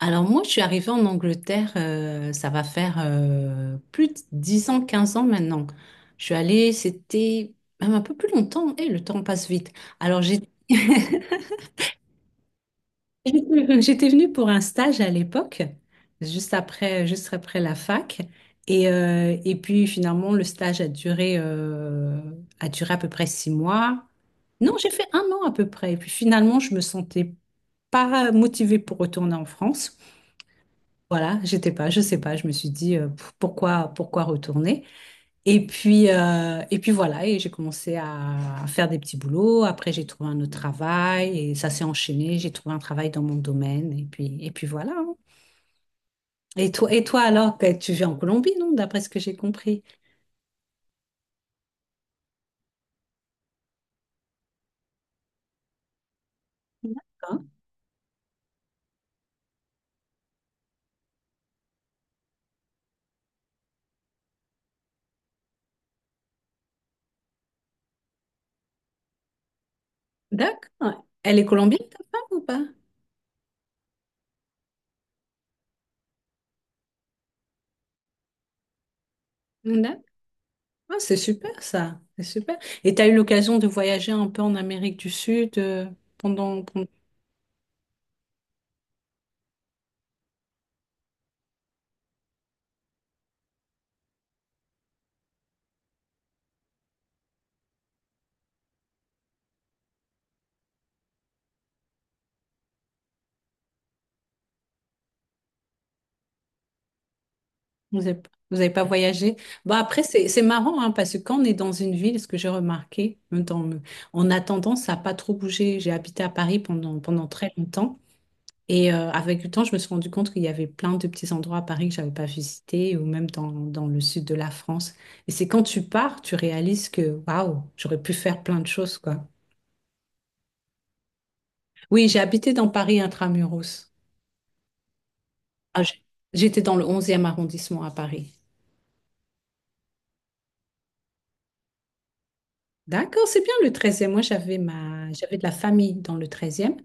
Alors moi, je suis arrivée en Angleterre, ça va faire plus de 10 ans, 15 ans maintenant. Je suis allée, c'était même un peu plus longtemps, et le temps passe vite. Alors, j'étais venue pour un stage à l'époque, juste après la fac. Et puis finalement, le stage a duré à peu près 6 mois. Non, j'ai fait 1 an à peu près. Et puis finalement, je me sentais pas motivée pour retourner en France. Voilà, j'étais pas, je sais pas, je me suis dit pourquoi retourner. Et puis voilà, et j'ai commencé à faire des petits boulots. Après j'ai trouvé un autre travail et ça s'est enchaîné. J'ai trouvé un travail dans mon domaine et puis voilà, hein. Et toi alors, que tu vis en Colombie, non, d'après ce que j'ai compris. D'accord. D'accord. Elle est colombienne ta femme ou pas? D'accord. Ah, c'est super ça, c'est super. Et tu as eu l'occasion de voyager un peu en Amérique du Sud, pendant, pendant... Vous n'avez vous avez pas voyagé. Bah après, c'est marrant hein, parce que quand on est dans une ville, ce que j'ai remarqué, même dans en attendant, ça n'a pas trop bougé. J'ai habité à Paris pendant, pendant très longtemps. Et avec le temps, je me suis rendu compte qu'il y avait plein de petits endroits à Paris que j'avais pas visités, ou même dans, dans le sud de la France. Et c'est quand tu pars, tu réalises que waouh, j'aurais pu faire plein de choses, quoi. Oui, j'ai habité dans Paris intramuros. Ah, j'ai- J'étais dans le onzième arrondissement à Paris. D'accord, c'est bien le treizième. Moi, j'avais de la famille dans le treizième.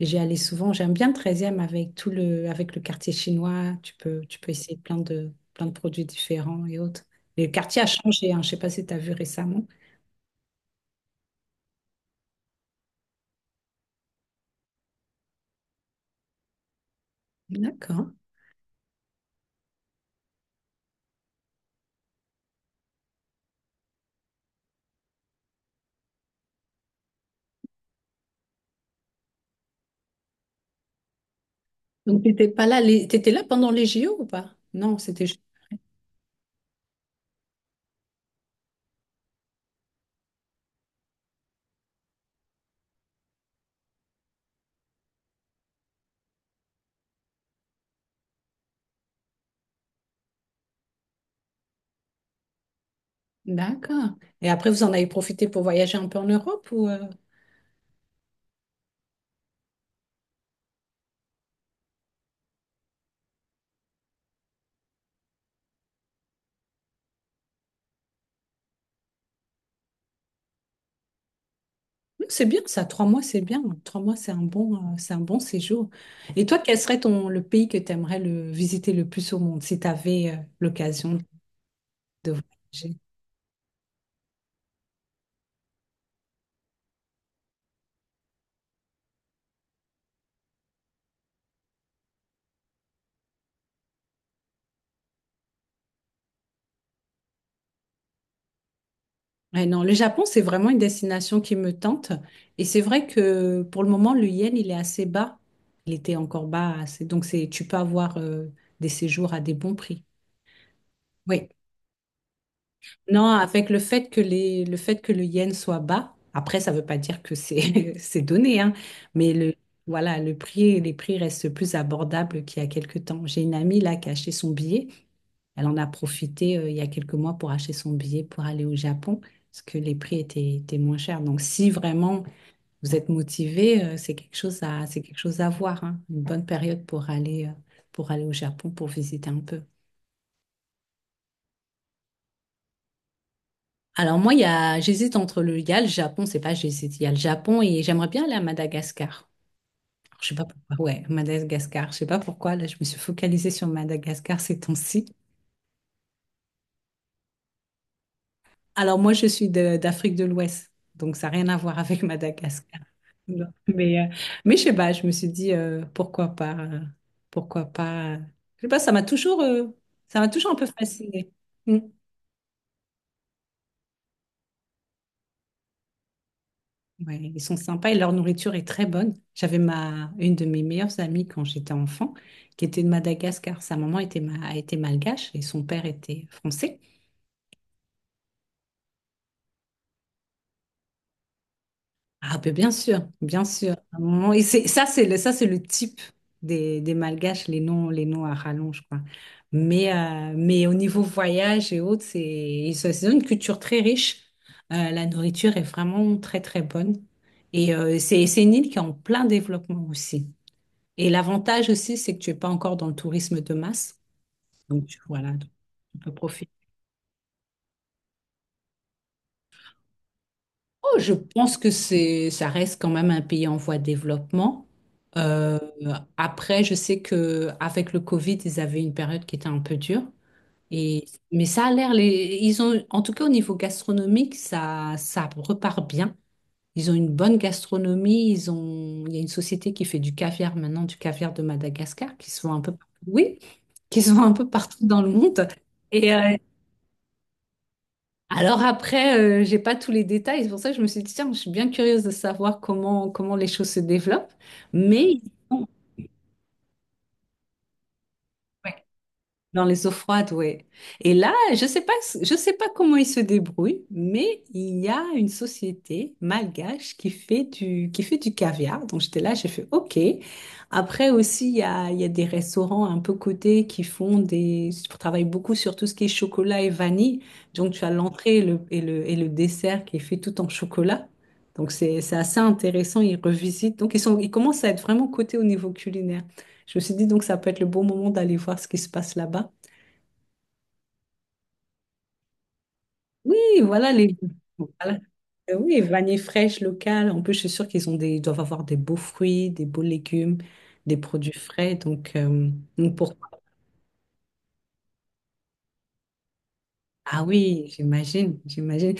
Et j'y allais souvent. J'aime bien le treizième avec tout le... avec le quartier chinois. Tu peux essayer plein de produits différents et autres. Et le quartier a changé, hein. Je ne sais pas si tu as vu récemment. D'accord. Donc, tu n'étais pas là. Tu étais là pendant les JO ou pas? Non, c'était... D'accord. Et après, vous en avez profité pour voyager un peu en Europe ou... C'est bien ça, 3 mois, c'est bien. 3 mois, c'est un bon séjour. Et toi, quel serait ton, le pays que tu aimerais visiter le plus au monde si tu avais l'occasion de voyager? Ouais, non, le Japon, c'est vraiment une destination qui me tente. Et c'est vrai que pour le moment, le yen, il est assez bas. Il était encore bas. Donc, c'est, tu peux avoir des séjours à des bons prix. Oui. Non, avec le fait que les, le fait que le yen soit bas, après, ça ne veut pas dire que c'est c'est donné, hein, mais le, voilà, le prix, les prix restent plus abordables qu'il y a quelques temps. J'ai une amie là qui a acheté son billet. Elle en a profité il y a quelques mois pour acheter son billet pour aller au Japon, parce que les prix étaient, étaient moins chers. Donc, si vraiment vous êtes motivé, c'est quelque chose à, c'est quelque chose à voir, hein, une bonne période pour aller au Japon, pour visiter un peu. Alors moi, il y a, j'hésite entre le, il y a le Japon, c'est pas j'hésite, il y a le Japon et j'aimerais bien aller à Madagascar. Alors, je sais pas pourquoi, ouais, Madagascar, je sais pas pourquoi, là je me suis focalisée sur Madagascar ces temps-ci. Alors moi, je suis d'Afrique de l'Ouest, donc ça n'a rien à voir avec Madagascar. Non. Mais je sais pas, je me suis dit, pourquoi pas, pourquoi pas. Je sais pas, ça m'a toujours un peu fascinée. Mm. Ouais, ils sont sympas et leur nourriture est très bonne. J'avais ma une de mes meilleures amies quand j'étais enfant, qui était de Madagascar. Sa maman était malgache et son père était français. Ah ben bien sûr, bien sûr. Et c'est, ça c'est le type des Malgaches, les noms à rallonge quoi. Mais au niveau voyage et autres, c'est ils ont une culture très riche. La nourriture est vraiment très très bonne et c'est une île qui est en plein développement aussi. Et l'avantage aussi, c'est que tu n'es pas encore dans le tourisme de masse. Donc, tu, voilà, donc tu peux profiter. Oh, je pense que c'est, ça reste quand même un pays en voie de développement. Euh, après, je sais que avec le Covid, ils avaient une période qui était un peu dure. Et, mais ça a l'air, les, ils ont, en tout cas au niveau gastronomique, ça repart bien. Ils ont une bonne gastronomie. Ils ont, il y a une société qui fait du caviar maintenant, du caviar de Madagascar, qui se vend un peu, oui, qui se vend un peu partout dans le monde. Et euh, Alors après, j'ai pas tous les détails, c'est pour ça que je me suis dit, tiens, je suis bien curieuse de savoir comment, comment les choses se développent. Mais, dans les eaux froides, oui. Et là, je sais pas comment ils se débrouillent, mais il y a une société malgache qui fait du caviar. Donc j'étais là, j'ai fait OK. Après aussi, il y a des restaurants un peu cotés qui travaillent beaucoup sur tout ce qui est chocolat et vanille. Donc tu as l'entrée et le dessert qui est fait tout en chocolat. Donc c'est assez intéressant, ils revisitent. Donc ils commencent à être vraiment cotés au niveau culinaire. Je me suis dit donc ça peut être le bon moment d'aller voir ce qui se passe là-bas. Oui, voilà les. Voilà. Oui, vanille fraîche locale. En plus, je suis sûre qu'ils ont des, ils doivent avoir des beaux fruits, des beaux légumes, des produits frais. Donc pourquoi? Ah oui, j'imagine, j'imagine.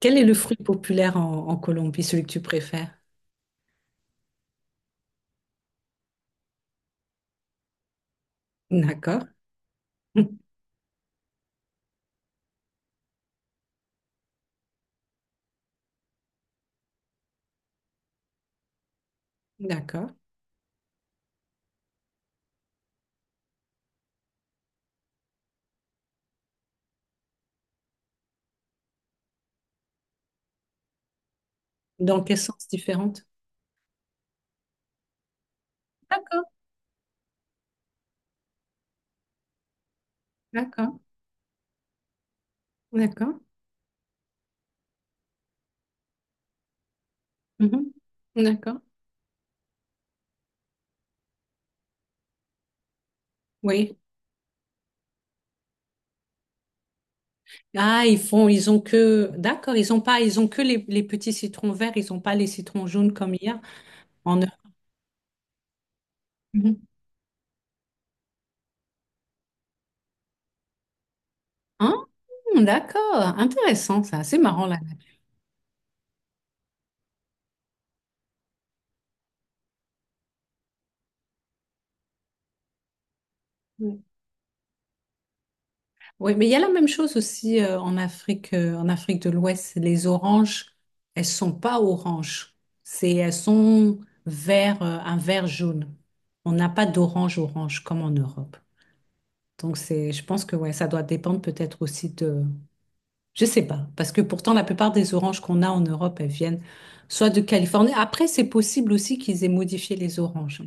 Quel est le fruit populaire en, en Colombie, celui que tu préfères? D'accord, d'accord. Dans quel sens différente? D'accord, d'accord, d'accord. Mhm. D'accord. Oui. Ah, ils font, ils ont que, d'accord, ils ont pas, ils ont que les petits citrons verts, ils ont pas les citrons jaunes comme hier. En Mhm. Ah, d'accord, intéressant ça, c'est marrant là. Ouais. Oui, ouais, mais il y a la même chose aussi en Afrique de l'Ouest. Les oranges, elles sont pas oranges, c'est elles sont vert, un vert jaune. On n'a pas d'orange orange comme en Europe. Donc c'est, je pense que ouais, ça doit dépendre peut-être aussi de, je sais pas, parce que pourtant la plupart des oranges qu'on a en Europe, elles viennent soit de Californie. Après, c'est possible aussi qu'ils aient modifié les oranges.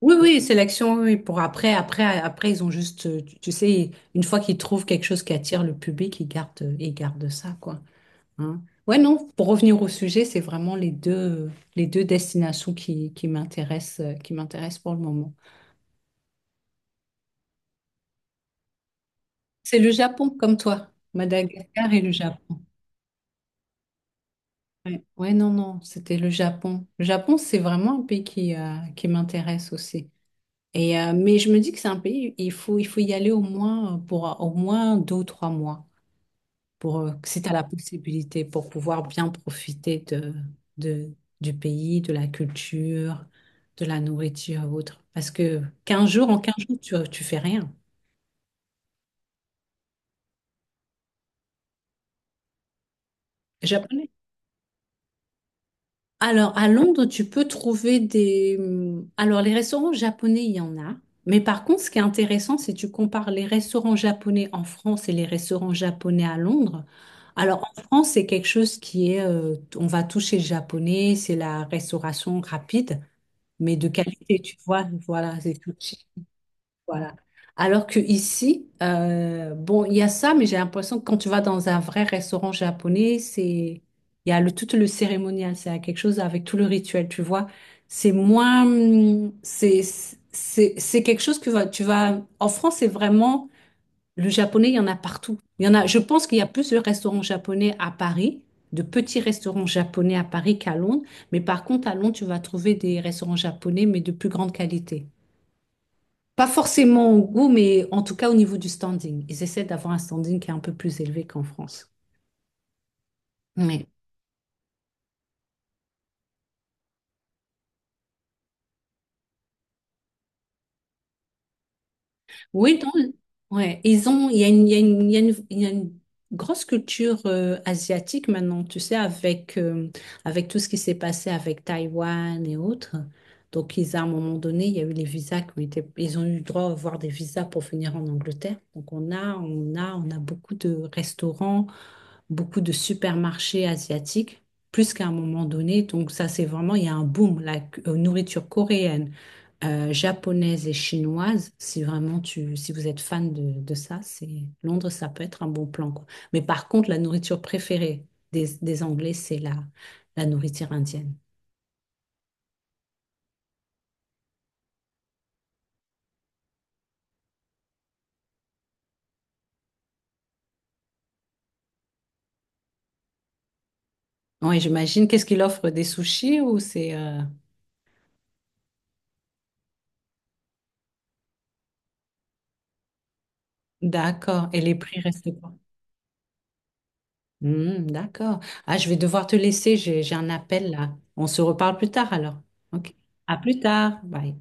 Oui, oui, sélection, oui, oui, pour après, ils ont juste, tu sais, une fois qu'ils trouvent quelque chose qui attire le public, ils gardent ça, quoi. Hein. Ouais, non, pour revenir au sujet, c'est vraiment les deux destinations qui m'intéressent pour le moment. C'est le Japon, comme toi, Madagascar et le Japon. Ouais, ouais, non, non, c'était le Japon. Le Japon, c'est vraiment un pays qui m'intéresse aussi. Et, mais je me dis que c'est un pays, il faut y aller au moins pour au moins 2 ou 3 mois. Pour, si tu as la possibilité pour pouvoir bien profiter de- du pays, de la culture, de la nourriture et autres. Parce que 15 jours, en 15 jours, tu fais rien. Japonais. Alors, à Londres, tu peux trouver des... Alors, les restaurants japonais, il y en a. Mais par contre, ce qui est intéressant, c'est que tu compares les restaurants japonais en France et les restaurants japonais à Londres. Alors, en France, c'est quelque chose qui est... on va toucher le japonais, c'est la restauration rapide. Mais de qualité, tu vois. Voilà, c'est tout cheap. Voilà. Alors que ici, bon, il y a ça, mais j'ai l'impression que quand tu vas dans un vrai restaurant japonais, c'est il y a le tout le cérémonial, c'est quelque chose avec tout le rituel, tu vois. C'est moins, c'est c'est quelque chose que tu vas. En France, c'est vraiment le japonais, il y en a partout. Il y en a, je pense qu'il y a plus de restaurants japonais à Paris, de petits restaurants japonais à Paris qu'à Londres. Mais par contre, à Londres, tu vas trouver des restaurants japonais, mais de plus grande qualité. Pas forcément au goût, mais en tout cas au niveau du standing. Ils essaient d'avoir un standing qui est un peu plus élevé qu'en France. Oui. Oui, ouais, ils ont, il y a une, il y a une, il y a une- il y a une grosse culture asiatique maintenant, tu sais, avec, avec tout ce qui s'est passé avec Taïwan et autres. Donc, ils, à un moment donné, il y a eu les visas qui ont été, ils ont eu le droit à avoir des visas pour venir en Angleterre. Donc, on a, on a, on a beaucoup de restaurants, beaucoup de supermarchés asiatiques, plus qu'à un moment donné. Donc, ça, c'est vraiment, il y a un boom, la nourriture coréenne japonaise et chinoise, si vraiment tu, si vous êtes fan de ça, c'est Londres, ça peut être un bon plan, quoi. Mais par contre, la nourriture préférée des Anglais, c'est la nourriture indienne. Oui, j'imagine. Qu'est-ce qu'il offre? Des sushis ou c'est... D'accord. Et les prix restent quoi? Hmm, d'accord. Ah, je vais devoir te laisser. J'ai un appel là. On se reparle plus tard alors. OK. À plus tard. Bye.